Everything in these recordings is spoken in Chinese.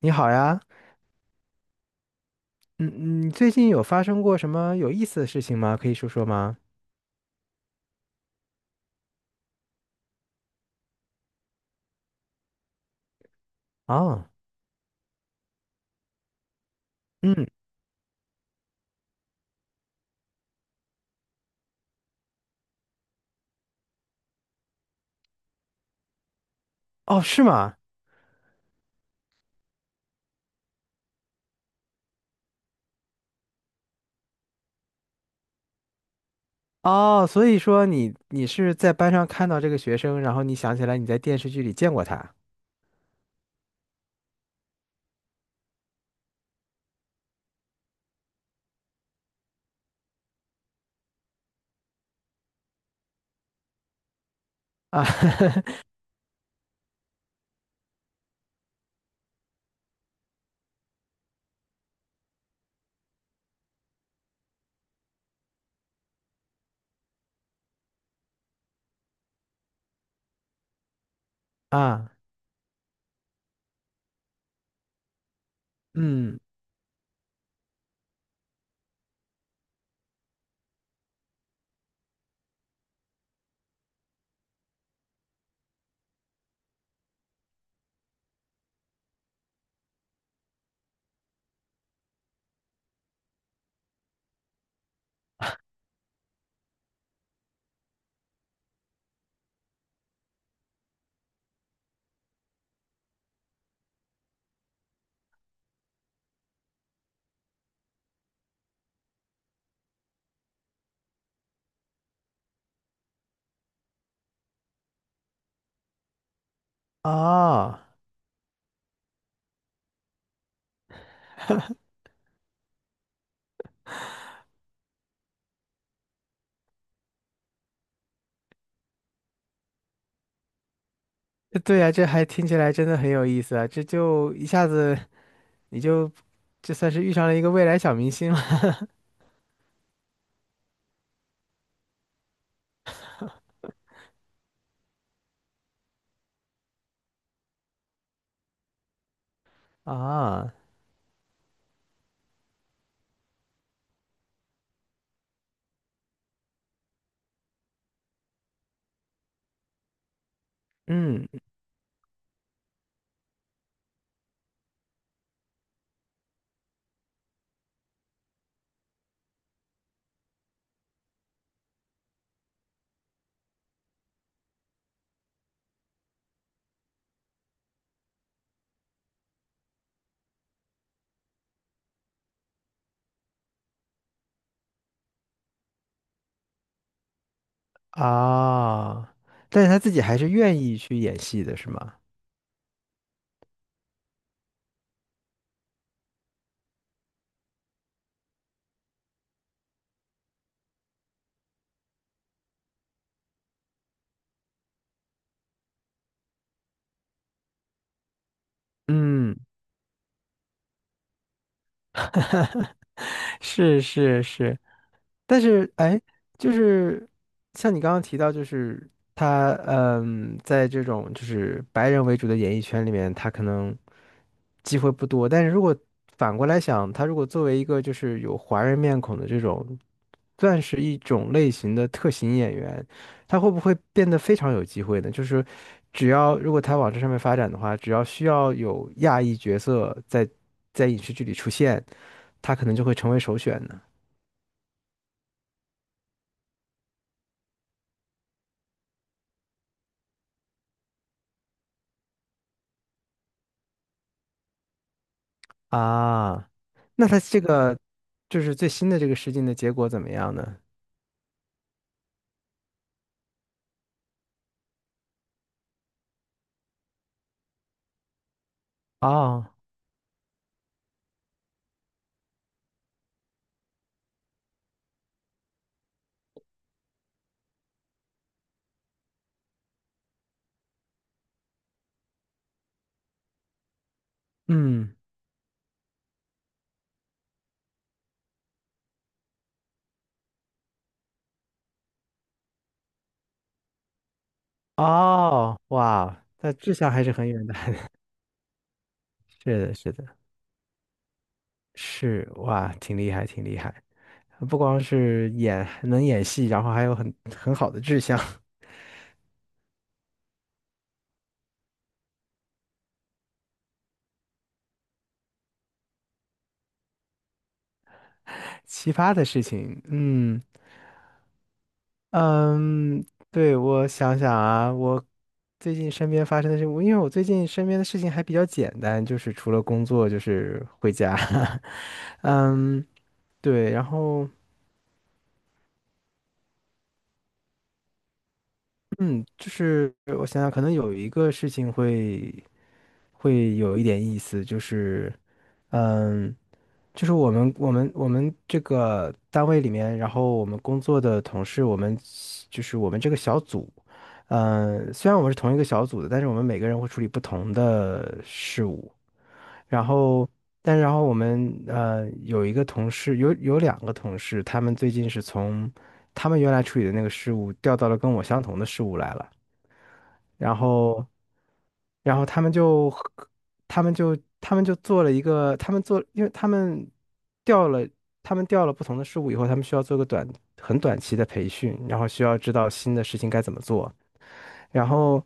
你好呀，嗯嗯，最近有发生过什么有意思的事情吗？可以说说吗？哦。嗯。哦，是吗？哦，所以说你是在班上看到这个学生，然后你想起来你在电视剧里见过他啊。 啊。嗯。哦。对呀，这还听起来真的很有意思啊，这就一下子你就这算是遇上了一个未来小明星了。 啊。嗯啊。但是他自己还是愿意去演戏的，是吗？嗯。是是是。但是哎，就是像你刚刚提到，就是他嗯，在这种就是白人为主的演艺圈里面，他可能机会不多。但是如果反过来想，他如果作为一个就是有华人面孔的这种，算是一种类型的特型演员，他会不会变得非常有机会呢？就是只要如果他往这上面发展的话，只要需要有亚裔角色在影视剧里出现。他可能就会成为首选呢。啊。那他这个就是最新的这个试镜的结果怎么样呢？哦。嗯。哦，哇，那志向还是很远的。是的，是的。是哇，挺厉害，挺厉害。不光是演能演戏，然后还有很好的志向。奇葩的事情，嗯，嗯，对，我想想啊。我最近身边发生的事，我因为我最近身边的事情还比较简单，就是除了工作就是回家。嗯，对，然后。嗯，就是我想想，可能有一个事情会会有一点意思，就是嗯，就是我们这个单位里面，然后我们工作的同事，我们就是我们这个小组，嗯，虽然我们是同一个小组的，但是我们每个人会处理不同的事务，然后。但然后我们有一个同事，有两个同事，他们最近是从他们原来处理的那个事务调到了跟我相同的事务来了。然后，然后他们就和他们就，他们就做了一个，他们做，因为他们调了，他们调了不同的事物以后，他们需要做个短，很短期的培训，然后需要知道新的事情该怎么做。然后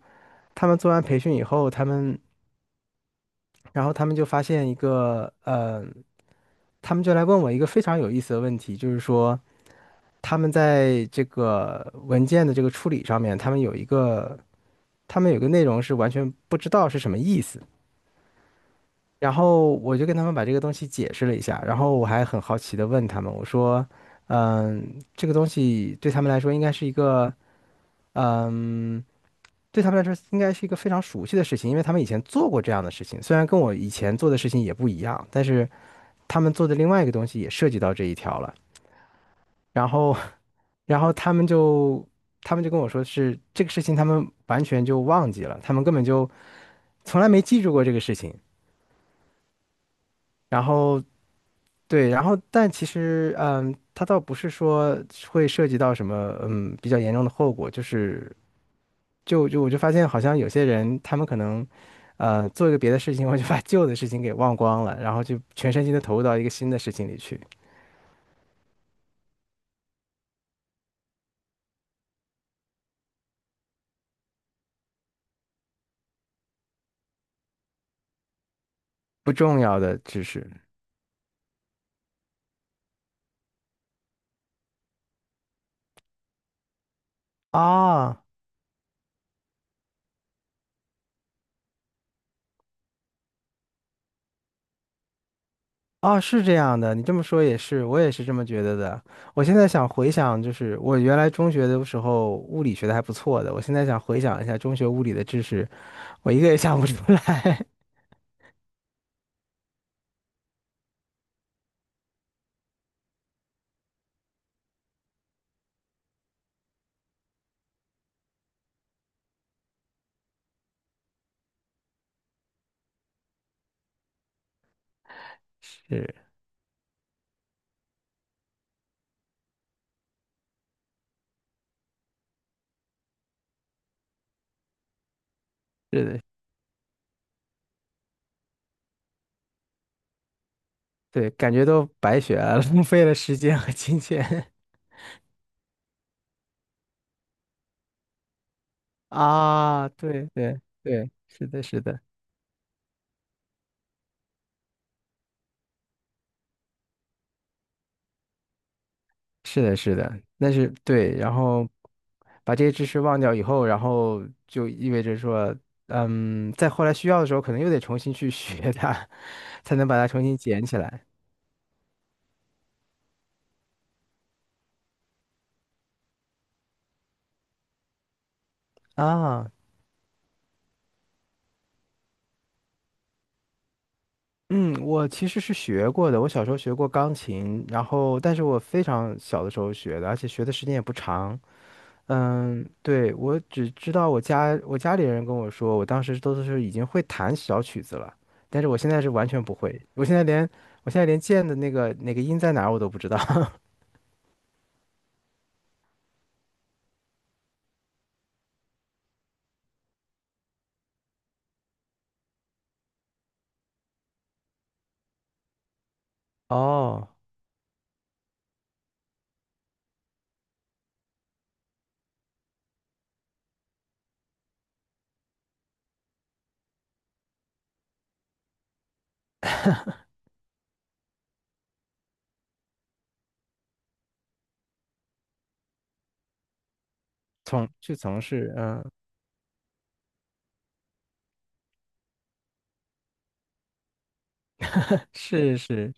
他们做完培训以后，他们，然后他们就发现一个，他们就来问我一个非常有意思的问题，就是说，他们在这个文件的这个处理上面，他们有一个，他们有一个内容是完全不知道是什么意思。然后我就跟他们把这个东西解释了一下，然后我还很好奇的问他们，我说，嗯，这个东西对他们来说应该是一个，嗯，对他们来说应该是一个非常熟悉的事情，因为他们以前做过这样的事情，虽然跟我以前做的事情也不一样，但是他们做的另外一个东西也涉及到这一条了。然后，然后他们就，他们就跟我说是这个事情，他们完全就忘记了，他们根本就从来没记住过这个事情。然后对，然后但其实，嗯，它倒不是说会涉及到什么，嗯，比较严重的后果，就是就我就发现好像有些人他们可能，做一个别的事情，我就把旧的事情给忘光了，然后就全身心的投入到一个新的事情里去。不重要的知识。啊。啊，是这样的，你这么说也是，我也是这么觉得的。我现在想回想，就是我原来中学的时候物理学的还不错的，我现在想回想一下中学物理的知识，我一个也想不出来。是。是的，对，感觉都白学了。浪费了时间和金钱。 啊！对对对，是的，是的。是的，是的，那是对。然后把这些知识忘掉以后，然后就意味着说，嗯，在后来需要的时候，可能又得重新去学它，才能把它重新捡起来啊。嗯，我其实是学过的，我小时候学过钢琴，然后但是我非常小的时候学的，而且学的时间也不长。嗯，对，我只知道我家里人跟我说，我当时都是已经会弹小曲子了，但是我现在是完全不会，我现在连我现在连键的那个那个音在哪儿我都不知道。哦，从去从事，嗯，是。是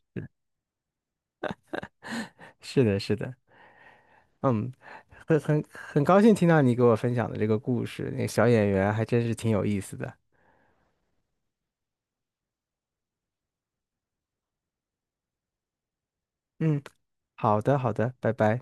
是的，是的。嗯，很高兴听到你给我分享的这个故事，那个小演员还真是挺有意思的。嗯，好的好的，拜拜。